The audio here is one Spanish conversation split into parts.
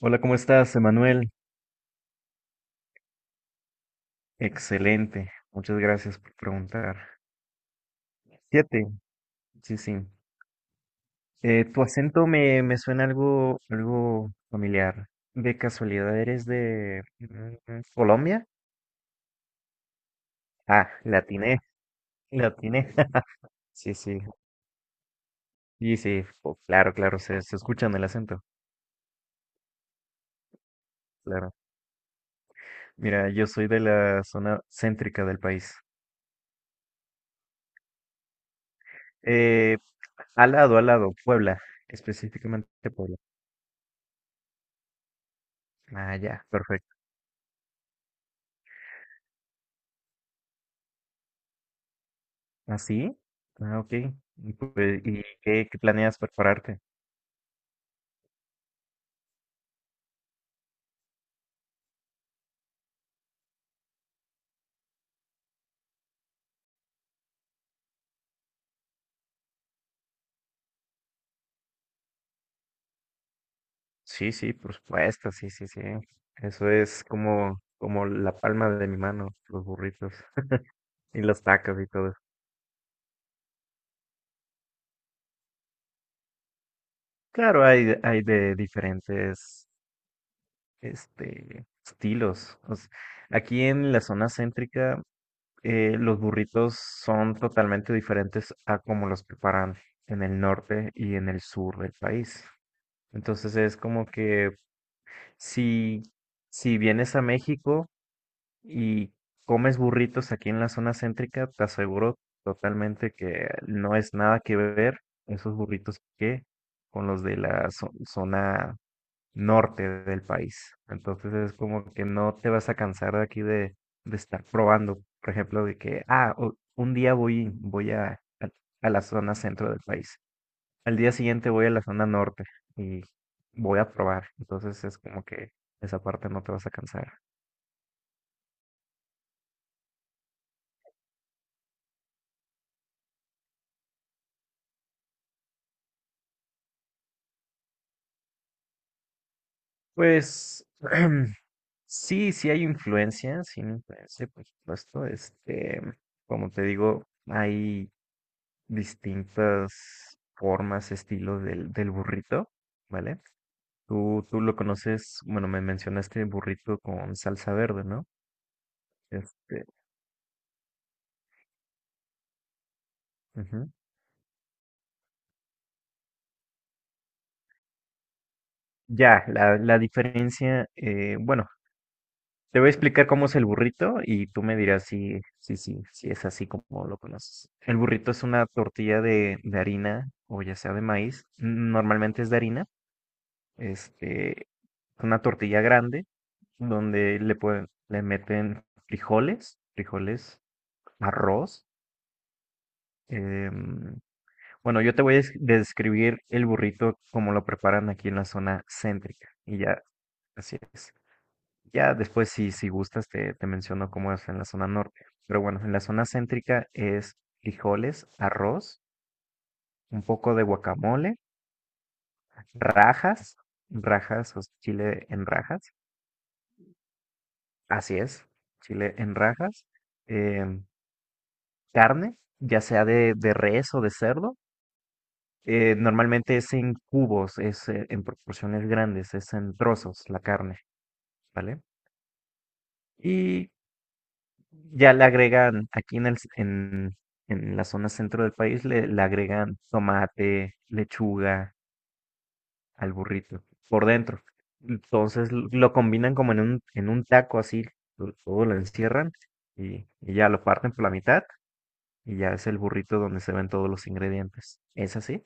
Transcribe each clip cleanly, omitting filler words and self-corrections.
Hola, ¿cómo estás, Emanuel? Excelente, muchas gracias por preguntar. Siete, sí, sí. Tu acento me suena algo, algo familiar. ¿De casualidad eres de Colombia? Ah, latiné, latiné. Sí, sí, sí, sí, oh, claro, claro, se escucha en el acento, claro. Mira, yo soy de la zona céntrica del país. Eh, al lado, Puebla, específicamente Puebla. Ah, ya, perfecto. ¿Ah, sí? Ah, ok. Y pues, ¿qué planeas prepararte? Sí, sí, por supuesto, sí, sí, sí. Eso es como, como la palma de mi mano, los burritos y los tacos y todo eso. Claro, hay, hay de diferentes, estilos. Aquí en la zona céntrica, los burritos son totalmente diferentes a como los preparan en el norte y en el sur del país. Entonces es como que Si, si vienes a México y comes burritos aquí en la zona céntrica, te aseguro totalmente que no es nada que ver esos burritos que con los de la zona norte del país. Entonces es como que no te vas a cansar de aquí de estar probando, por ejemplo, de que, ah, un día voy a a la zona centro del país, al día siguiente voy a la zona norte y voy a probar. Entonces es como que esa parte no te vas a cansar. Pues sí, sí hay influencia, por supuesto. Como te digo, hay distintas formas, estilos del burrito, ¿vale? Tú lo conoces, bueno, me mencionaste burrito con salsa verde, ¿no? Este, ujú. Ya, la diferencia, bueno, te voy a explicar cómo es el burrito y tú me dirás si, si, si, si es así como lo conoces. El burrito es una tortilla de harina o ya sea de maíz. Normalmente es de harina. Este, una tortilla grande donde le pueden, le meten frijoles, frijoles, arroz. em, bueno, yo te voy a describir el burrito como lo preparan aquí en la zona céntrica y ya, así es. Ya después, si, si gustas, te menciono cómo es en la zona norte. Pero bueno, en la zona céntrica es frijoles, arroz, un poco de guacamole, rajas, rajas, o sea, chile en rajas, así es, chile en rajas, em, carne, ya sea de res o de cerdo. Normalmente es en cubos, es en proporciones grandes, es en trozos la carne, ¿vale? Y ya le agregan, aquí en en la zona centro del país, le agregan tomate, lechuga al burrito por dentro. Entonces lo combinan como en un taco así, todo lo encierran y ya lo parten por la mitad y ya es el burrito donde se ven todos los ingredientes. ¿Es así?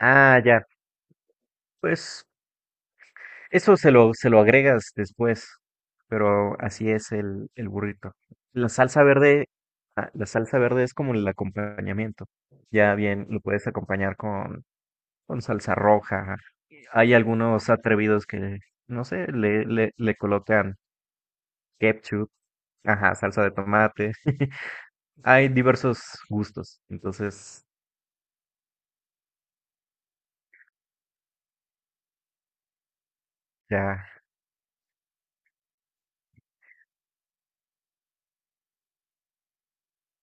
Ah, ya. Pues eso se lo agregas después, pero así es el burrito. La salsa verde, ah, la salsa verde es como el acompañamiento. Ya bien, lo puedes acompañar con salsa roja. Hay algunos atrevidos que, no sé, le colocan ketchup, ajá, salsa de tomate. Hay diversos gustos. Entonces, ya,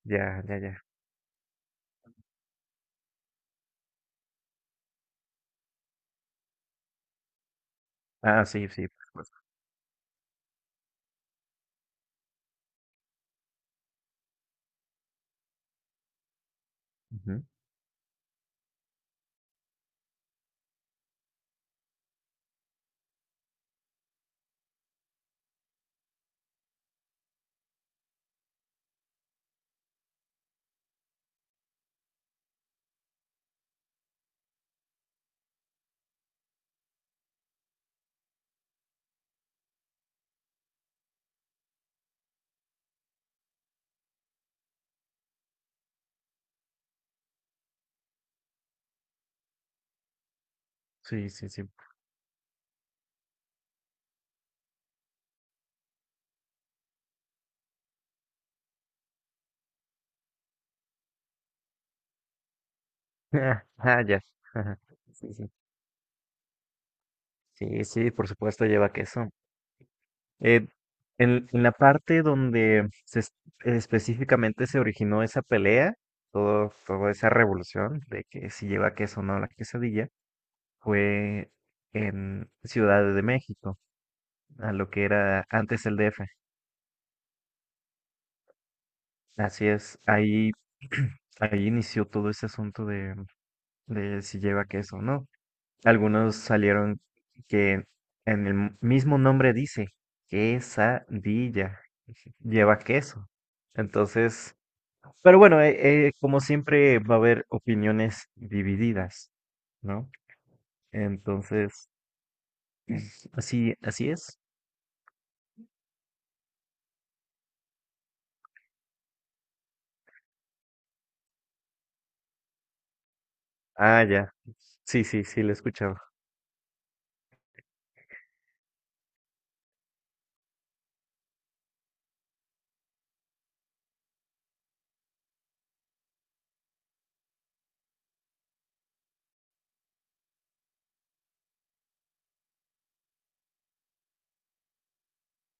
ya, ya, ya. Ah, sí, sí, por supuesto. Ujú. Sí, sí, sí. Ah, ya. Ajá. Sí, sí. Sí, sí, por supuesto lleva queso. Eh, en la parte donde se específicamente se originó esa pelea, todo, toda esa revolución de que si lleva queso o no la quesadilla, fue en Ciudad de México, a lo que era antes el DF. Así es, ahí, ahí inició todo ese asunto de si lleva queso o no. Algunos salieron que en el mismo nombre dice quesadilla, lleva queso. Entonces, pero bueno, como siempre va a haber opiniones divididas, ¿no? Entonces, así, así es. Ah, ya. Sí, sí, sí, lo he escuchado.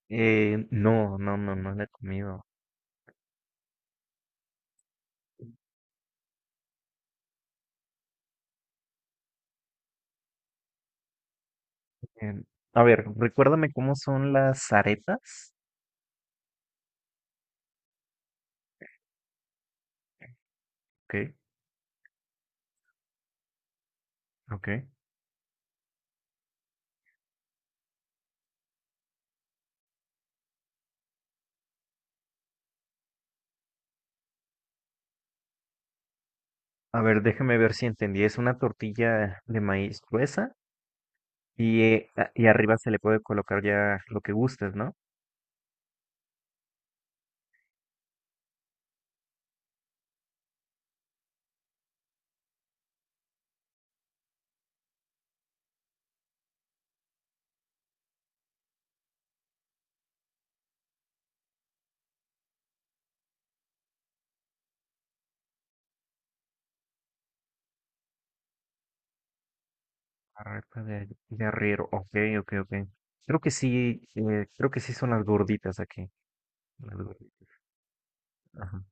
No, no, no, no la he comido. Em, a ver, recuérdame cómo son las arepas. Ok, ok. A ver, déjame ver si entendí. Es una tortilla de maíz gruesa y, y arriba se le puede colocar ya lo que gustes, ¿no? Arepa de arriero. Ok, ok, ok. Creo que sí son las gorditas aquí. Las gorditas. Ajá,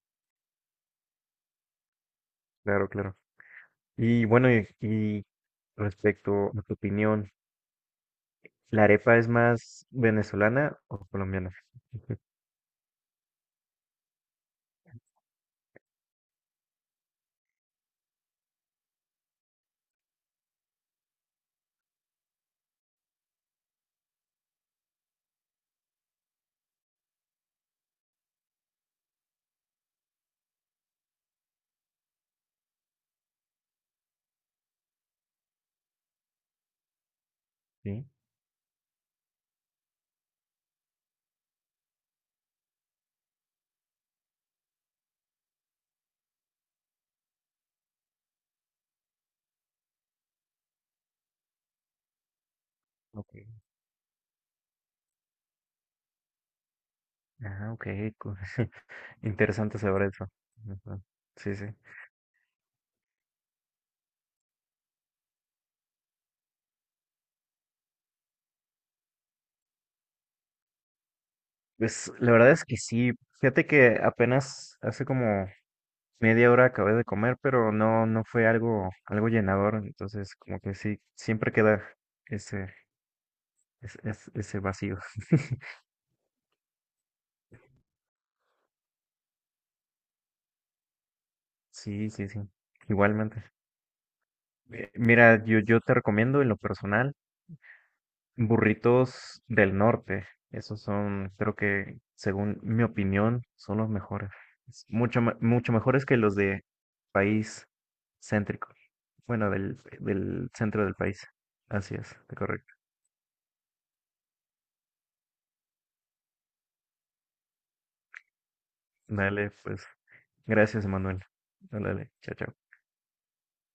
claro, claro. Y bueno, y respecto a tu opinión, ¿la arepa es más venezolana o colombiana? Sí, ok. Ah, ok. co- Interesante saber eso. Ajá, sí, sí. Pues la verdad es que sí. Fíjate que apenas hace como media hora acabé de comer, pero no, no fue algo, algo llenador, entonces como que sí, siempre queda ese, ese vacío. Sí, sí, sí, igualmente. Mira, yo te recomiendo en lo personal burritos del norte. Esos son, creo que, según mi opinión, son los mejores. Es mucho, mucho mejores que los de país céntrico. Bueno, del centro del país. Así es, correcto. Dale, pues. Gracias, Manuel. Dale, chao, chao.